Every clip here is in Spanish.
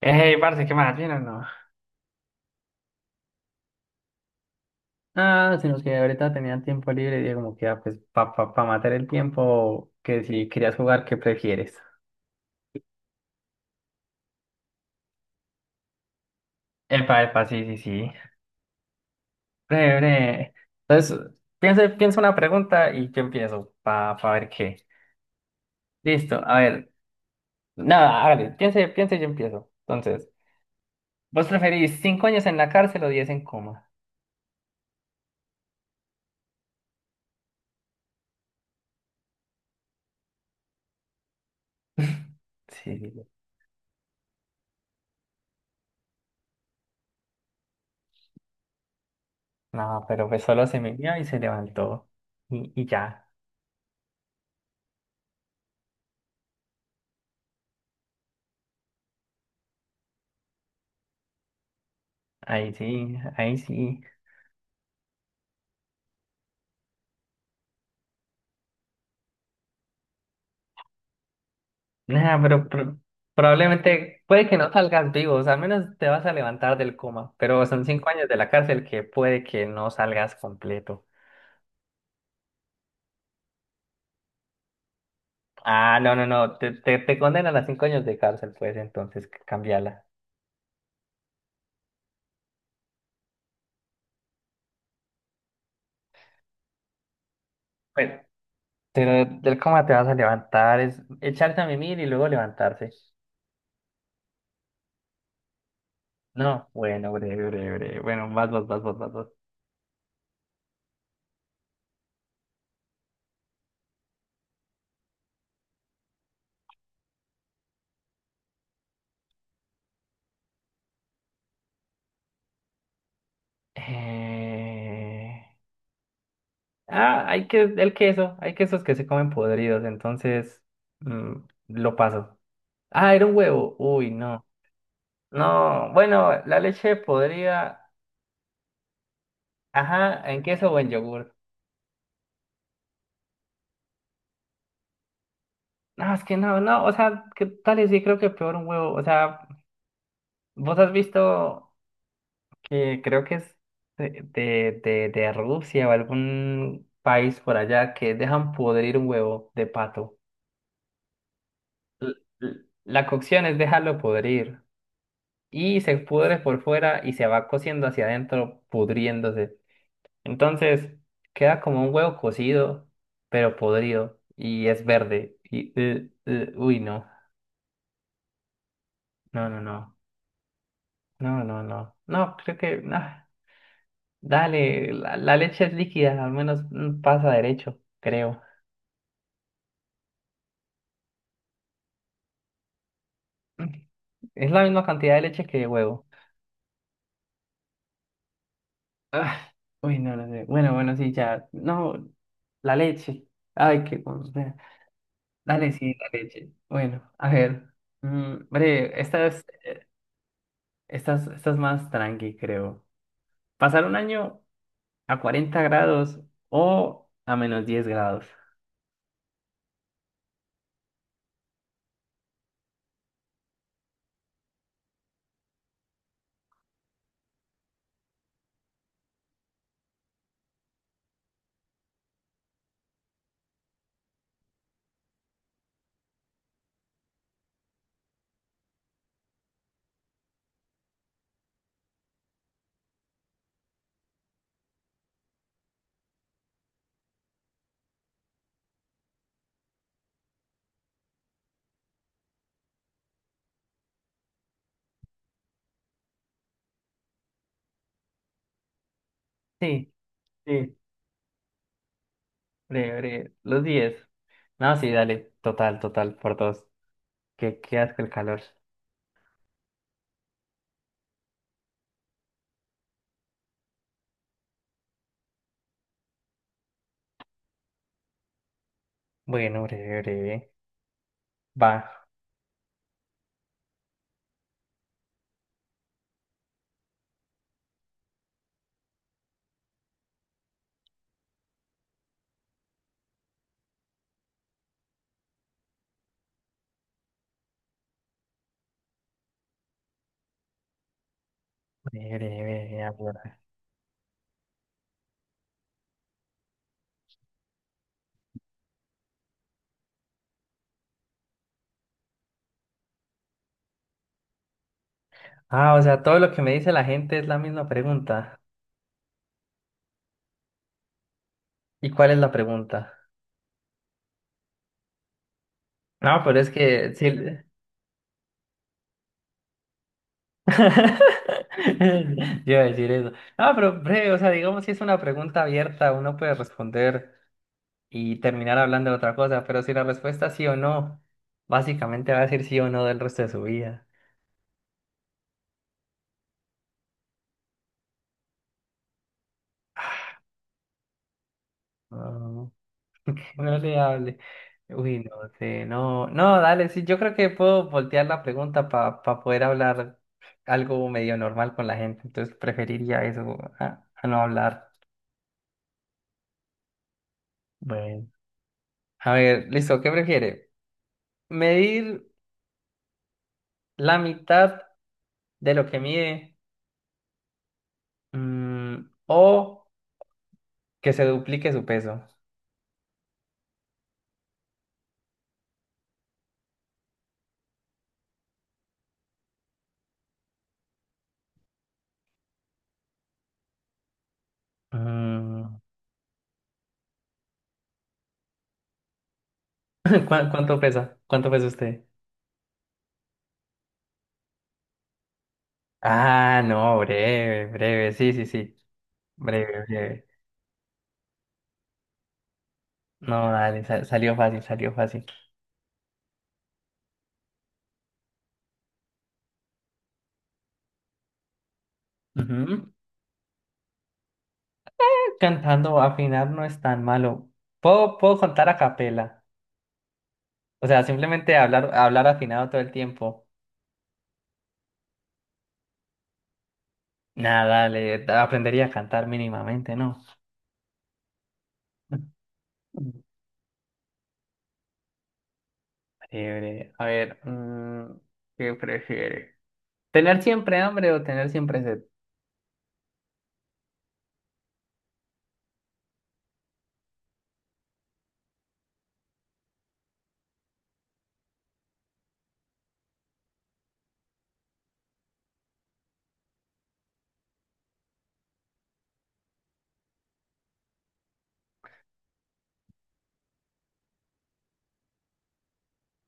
Hey, parce, ¿qué más? ¿Bien o no? Ah, sino que ahorita tenía tiempo libre y dije como que, ah, pues, pa matar el tiempo, que si querías jugar, ¿qué prefieres? Epa, epa, sí, sí, sí. Bre, bre. Entonces, piensa, piensa una pregunta y yo empiezo, pa ver qué. Listo, a ver. Nada, hágale, piense, piense y yo empiezo. Entonces, ¿vos preferís 5 años en la cárcel o 10 en coma? Sí, sí, sí. No, pero pues solo se me vio y se levantó. Y ya, ahí sí, ahí sí. Nah, pero, probablemente puede que no salgas vivo, o sea, al menos te vas a levantar del coma, pero son 5 años de la cárcel que puede que no salgas completo. Ah, no, no, no, te condenan a 5 años de cárcel, pues entonces cambiala. Bueno, pero del coma te vas a levantar, es echarse a mimir y luego levantarse. No, bueno, breve, breve, breve. Bueno, vas, vas, vas, vas, vas, vas. Eh... Ah, hay que, el queso, hay quesos que se comen podridos, entonces mm, lo paso. Ah, era un huevo. Uy, no. No, bueno, la leche podría. Ajá, en queso o en yogur. No, es que no, o sea, ¿qué tal? Y sí, creo que peor un huevo. O sea, vos has visto que creo que es de Rusia o algún país por allá que dejan podrir un huevo de pato. L- La cocción es dejarlo podrir y se pudre por fuera y se va cociendo hacia adentro, pudriéndose. Entonces, queda como un huevo cocido, pero podrido, y es verde. Y, uy, no, no, no, no, no, no, no, no, creo que, ah, dale, la leche es líquida, al menos pasa derecho, creo. Mm, Es la misma cantidad de leche que de huevo. Ah, uy, no, no sé. Bueno, bueno, sí, ya, no, la leche. Ay, qué cosa. Dale, sí, la leche. Bueno, a ver, breve, esta es más tranqui, creo. Pasar un año a 40 grados o a -10 grados. Sí, sí, breve, breve. Los diez. No, sí, dale. Total, total, por dos. Qué asco el calor. Bueno, breve, breve. Va. Breve, breve, breve, ahora. Ah, o sea, todo lo que me dice la gente es la misma pregunta. ¿Y cuál es la pregunta? No, pero es que sí. Yo iba a decir eso. No, pero breve, o sea, digamos si es una pregunta abierta, uno puede responder y terminar hablando de otra cosa, pero si la respuesta es sí o no, básicamente va a decir sí o no del resto de su vida. No, no le hable. Uy, no sé, no, dale, sí, yo creo que puedo voltear la pregunta para poder hablar algo medio normal con la gente, entonces preferiría eso a, no hablar. Bueno. A ver, listo, ¿qué prefiere? ¿Medir la mitad de lo que mide? O que se duplique su peso. Mm, ¿Cuánto pesa? ¿Cuánto pesa usted? Ah, no, breve, breve, sí, sí, sí, breve, breve. No, dale, salió fácil, salió fácil. Ujú. Cantando, afinar no es tan malo. Puedo contar a capela, o sea, simplemente hablar, hablar afinado todo el tiempo. Nada, dale, aprendería a cantar mínimamente, ¿no? Mm. Breve, a ver, ¿qué prefiere? ¿Tener siempre hambre o tener siempre sed?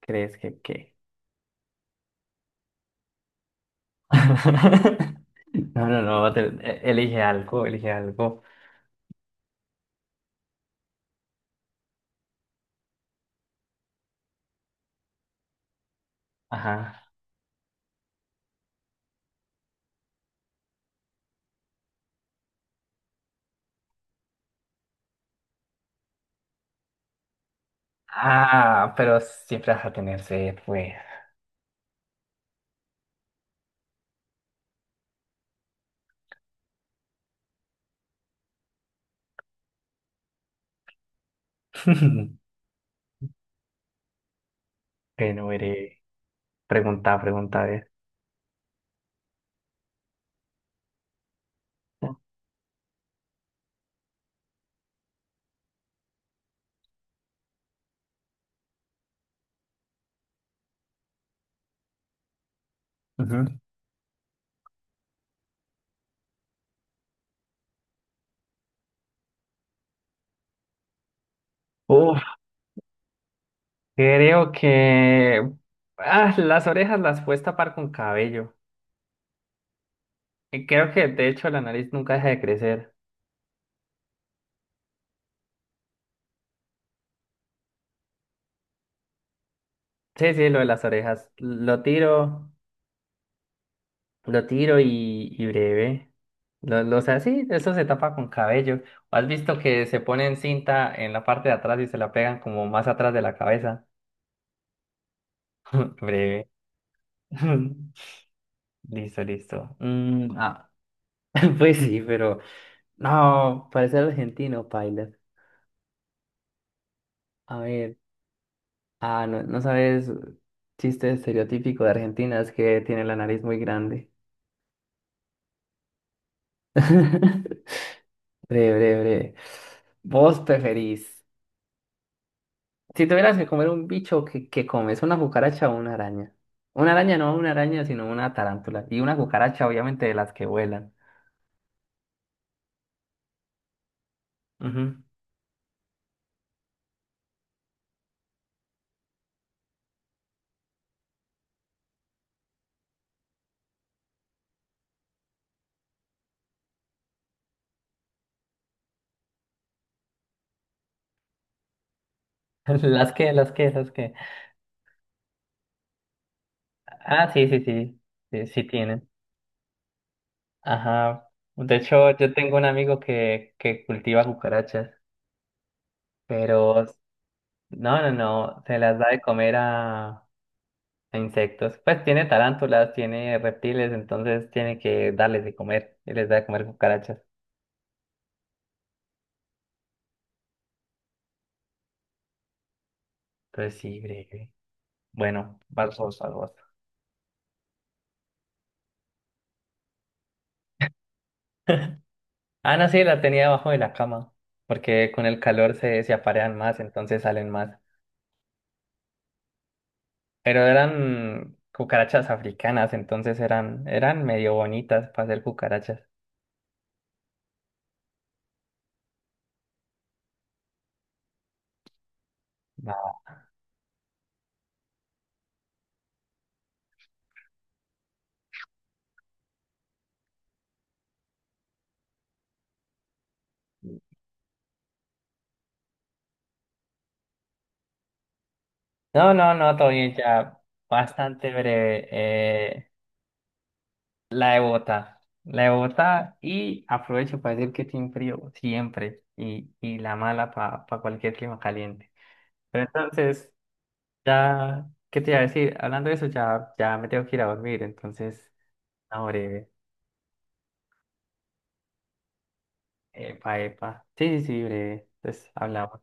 ¿Crees que qué? No, no, no, va a tener- e- elige algo, elige algo. Ajá. Ah, pero siempre vas a tener sed, güey. Bueno, iré. Pregunta, pregunta, eh. Ujú. Uf, creo que ah, las orejas las puedes tapar con cabello. Y creo que de hecho la nariz nunca deja de crecer. Sí, sí, lo de las orejas. Lo tiro. Lo tiro y breve. O sea, sí, eso se tapa con cabello. ¿O has visto que se ponen cinta en la parte de atrás y se la pegan como más atrás de la cabeza? Breve. Listo, listo. Pues sí, pero no, parece argentino, Pilot. A ver, ah, no, sabes, chiste estereotípico de Argentina es que tiene la nariz muy grande. Breve, breve, breve. ¿Vos preferís? Si tuvieras que comer un bicho, ¿qué comes? ¿Una cucaracha o una araña? Una araña, no una araña, sino una tarántula. Y una cucaracha, obviamente, de las que vuelan. Ujú. Las que. Ah, sí, sí, sí, sí, sí tienen. Ajá. De hecho, yo tengo un amigo que cultiva cucarachas, pero no, no, no, se las da de comer a, insectos. Pues tiene tarántulas, tiene reptiles, entonces tiene que darles de comer y les da de comer cucarachas. Entonces sí, breve. Bueno, barcos, barcos. Ana sí la tenía debajo de la cama, porque con el calor se aparean más, entonces salen más. Pero eran cucarachas africanas, entonces eran medio bonitas para ser cucarachas. No, no, no, no, todo bien, ya bastante breve. La de Bogotá. La de Bogotá, y aprovecho para decir que tiene frío siempre, y la mala para cualquier clima caliente. Pero entonces. Ya, ¿qué te iba a decir? Hablando de eso, ya, ya me tengo que ir a dormir, entonces, ahora breve. Epa, epa. Sí, sí, sí, breve. Entonces, hablamos.